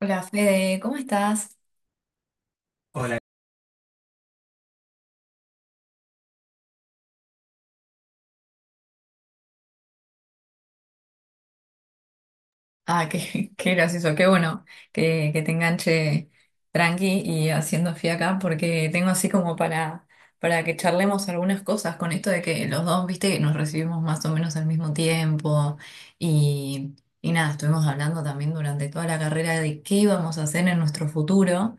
Hola, Fede, ¿cómo estás? Hola. Ah, qué, qué gracioso, qué bueno que te enganche tranqui y haciendo fiaca porque tengo así como para que charlemos algunas cosas con esto de que los dos, viste, que nos recibimos más o menos al mismo tiempo y, y nada, estuvimos hablando también durante toda la carrera de qué íbamos a hacer en nuestro futuro.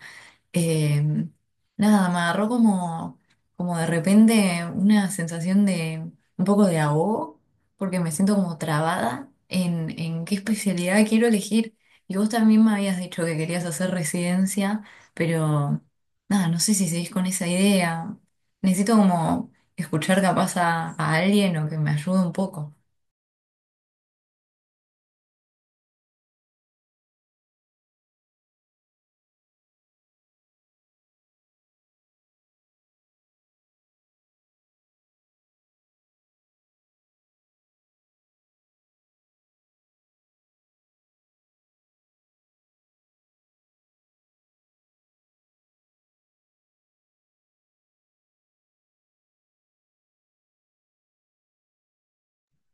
Eh, Nada, me agarró como, como de repente una sensación de un poco de ahogo, porque me siento como trabada en qué especialidad quiero elegir. Y vos también me habías dicho que querías hacer residencia, pero nada, no sé si seguís con esa idea. Necesito como escuchar capaz a alguien o que me ayude un poco.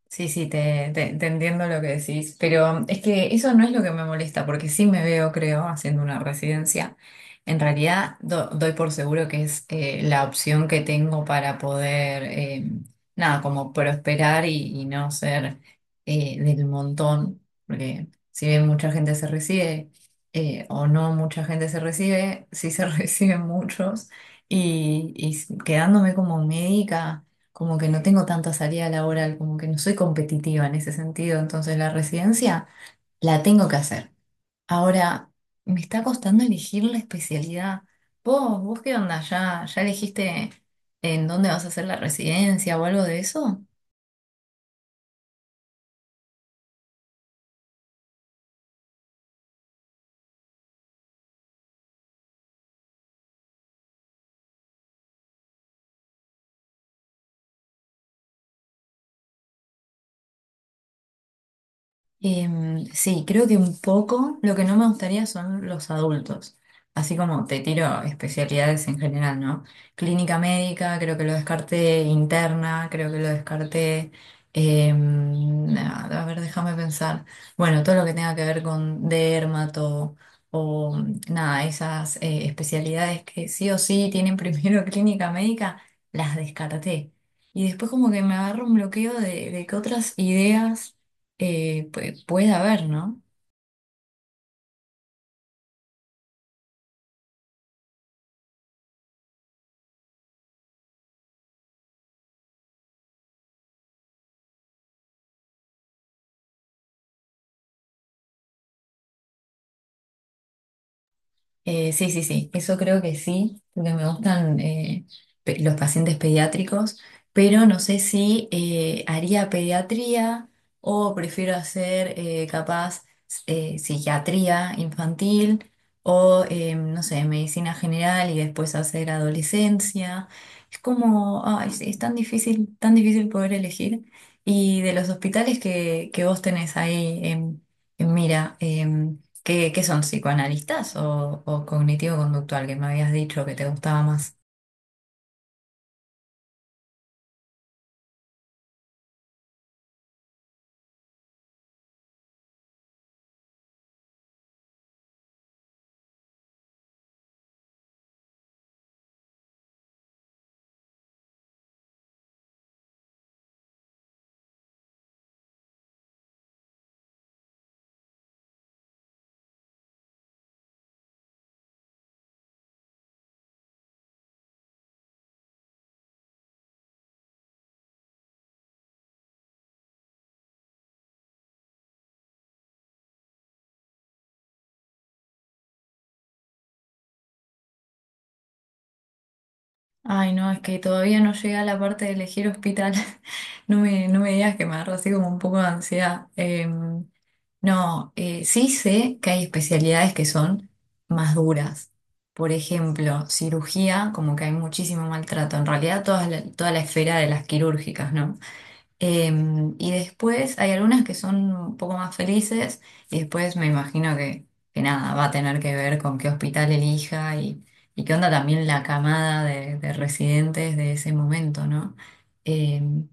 Sí, sí, te entiendo lo que decís, pero es que eso no es lo que me molesta, porque sí me veo, creo, haciendo una residencia. En realidad, doy por seguro que es la opción que tengo para poder, nada, como prosperar y no ser del montón, porque si bien mucha gente se recibe o no mucha gente se recibe, sí se reciben muchos y quedándome como médica como que no tengo tanta salida laboral, como que no soy competitiva en ese sentido, entonces la residencia la tengo que hacer. Ahora, me está costando elegir la especialidad. ¿Vos qué onda? ¿Ya elegiste en dónde vas a hacer la residencia o algo de eso? Em, sí, creo que un poco lo que no me gustaría son los adultos, así como te tiro especialidades en general, ¿no? Clínica médica, creo que lo descarté, interna, creo que lo descarté, em, a ver, déjame pensar, bueno, todo lo que tenga que ver con dermato o nada, esas especialidades que sí o sí tienen primero clínica médica, las descarté. Y después como que me agarro un bloqueo de que otras ideas puede haber, ¿no? Sí, sí, sí, eso creo que sí, porque me gustan los pacientes pediátricos, pero no sé si haría pediatría o prefiero hacer capaz psiquiatría infantil o, no sé, medicina general y después hacer adolescencia. Es como, ay, sí, es tan difícil poder elegir. Y de los hospitales que vos tenés ahí en mira. Em, ¿qué son psicoanalistas o cognitivo-conductual que me habías dicho que te gustaba más? Ay, no, es que todavía no llegué a la parte de elegir hospital. No me digas que me agarró así como un poco de ansiedad. No, sí sé que hay especialidades que son más duras. Por ejemplo, cirugía, como que hay muchísimo maltrato. En realidad, toda la esfera de las quirúrgicas, ¿no? Em, y después hay algunas que son un poco más felices y después me imagino que nada, va a tener que ver con qué hospital elija y qué onda también la camada de residentes de ese momento, ¿no? Em,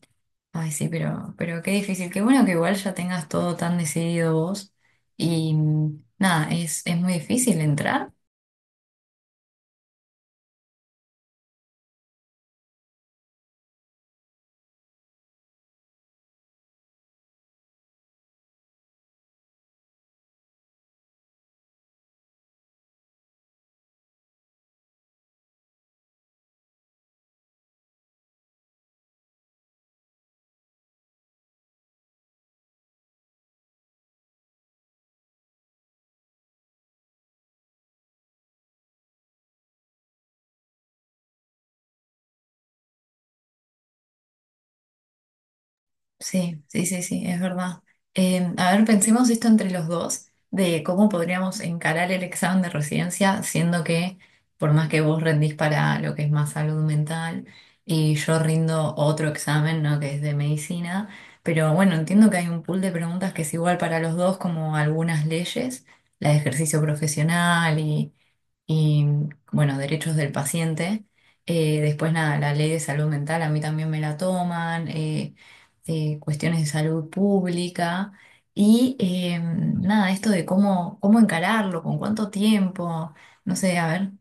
ay, sí, pero qué difícil, qué bueno que igual ya tengas todo tan decidido vos y mm, nada, es muy difícil entrar. Sí, sí, sí, sí, es verdad. A ver, pensemos esto entre los dos, de cómo podríamos encarar el examen de residencia, siendo que por más que vos rendís para lo que es más salud mental y yo rindo otro examen, ¿no? Que es de medicina, pero bueno, entiendo que hay un pool de preguntas que es igual para los dos, como algunas leyes, la de ejercicio profesional y bueno, derechos del paciente. Después nada, la ley de salud mental a mí también me la toman, cuestiones de salud pública y nada, esto de cómo, cómo encararlo, con cuánto tiempo, no sé, a ver.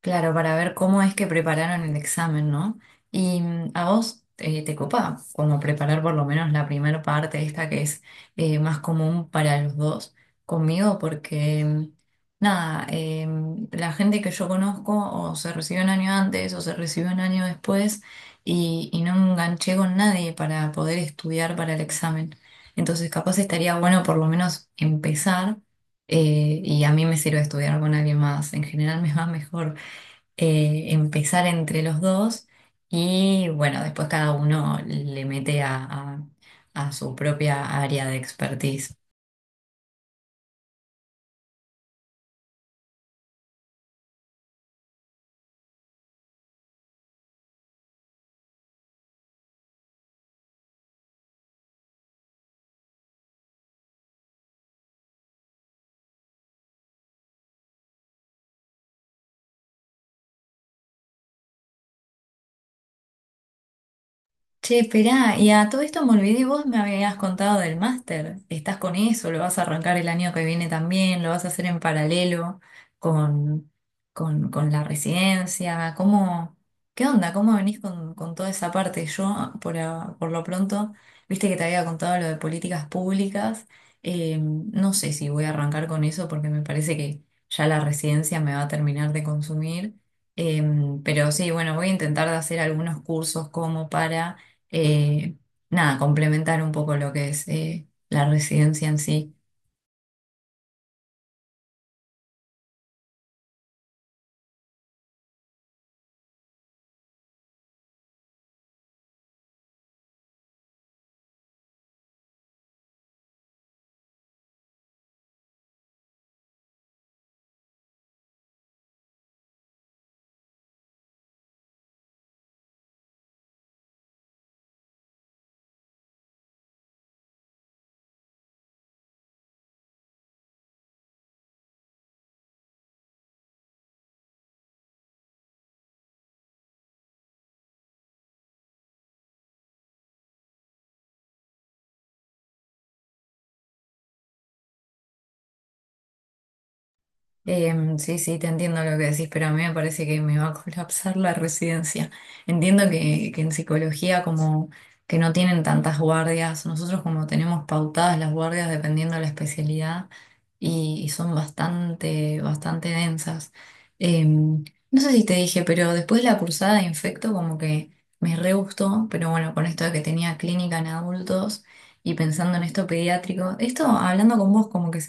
Claro, para ver cómo es que prepararon el examen, ¿no? Y mm, a vos te copa como preparar por lo menos la primera parte, esta que es más común para los dos conmigo, porque mm, nada, la gente que yo conozco o se recibió un año antes o se recibió un año después y no enganché con nadie para poder estudiar para el examen. Entonces capaz estaría bueno por lo menos empezar y a mí me sirve estudiar con alguien más. En general me va mejor empezar entre los dos y bueno, después cada uno le mete a su propia área de expertise. Che, esperá, y a todo esto me olvidé, vos me habías contado del máster. ¿Estás con eso? ¿Lo vas a arrancar el año que viene también? ¿Lo vas a hacer en paralelo con, con la residencia? ¿Cómo, qué onda? ¿Cómo venís con toda esa parte? Yo, por, por lo pronto, viste que te había contado lo de políticas públicas. No sé si voy a arrancar con eso porque me parece que ya la residencia me va a terminar de consumir. Em, pero sí, bueno, voy a intentar de hacer algunos cursos como para eh, nada, complementar un poco lo que es la residencia en sí. Em, sí, sí, te entiendo lo que decís, pero a mí me parece que me va a colapsar la residencia. Entiendo que en psicología como que no tienen tantas guardias, nosotros como tenemos pautadas las guardias dependiendo de la especialidad y son bastante, bastante densas. Em, no sé si te dije, pero después la cursada de infecto como que me re gustó, pero bueno, con esto de que tenía clínica en adultos y pensando en esto pediátrico, esto hablando con vos como que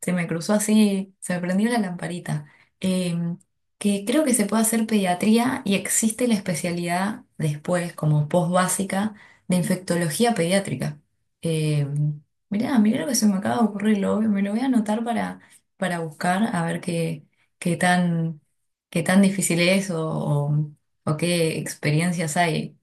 se me cruzó así, se me prendió la lamparita. Em, que creo que se puede hacer pediatría y existe la especialidad después, como post básica, de infectología pediátrica. Em, mirá, mirá lo que se me acaba de ocurrir, me lo voy a anotar para buscar, a ver qué, qué tan, qué tan difícil es o, o qué experiencias hay.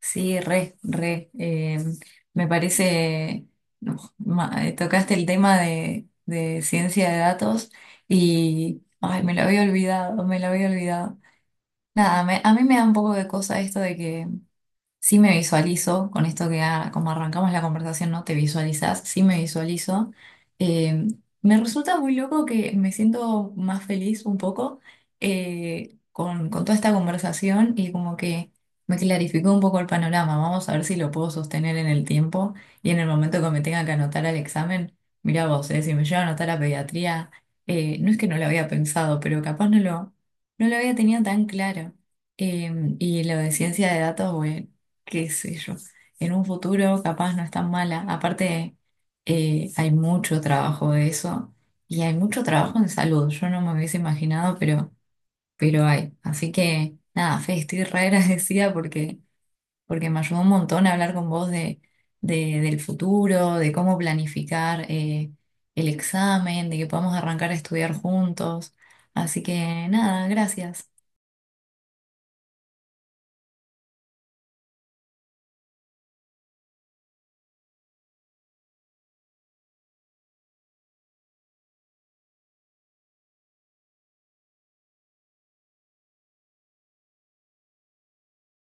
Sí, re, re. Eh, me parece, uf, tocaste el tema de ciencia de datos y, ay, me lo había olvidado, me lo había olvidado. Nada, a mí me da un poco de cosa esto de que sí me visualizo, con esto que ah, como arrancamos la conversación, ¿no? Te visualizas, sí me visualizo. Eh, me resulta muy loco que me siento más feliz un poco con toda esta conversación y como que me clarificó un poco el panorama. Vamos a ver si lo puedo sostener en el tiempo y en el momento que me tenga que anotar al examen. Mirá vos, si me llevo a anotar a pediatría, no es que no lo había pensado, pero capaz no lo había tenido tan claro. Em, y lo de ciencia de datos, bueno qué sé yo, en un futuro capaz no es tan mala. Aparte, hay mucho trabajo de eso y hay mucho trabajo en salud. Yo no me hubiese imaginado, pero hay. Así que nada, Fe, estoy re agradecida porque, porque me ayudó un montón a hablar con vos de, del futuro, de cómo planificar el examen, de que podamos arrancar a estudiar juntos. Así que nada, gracias.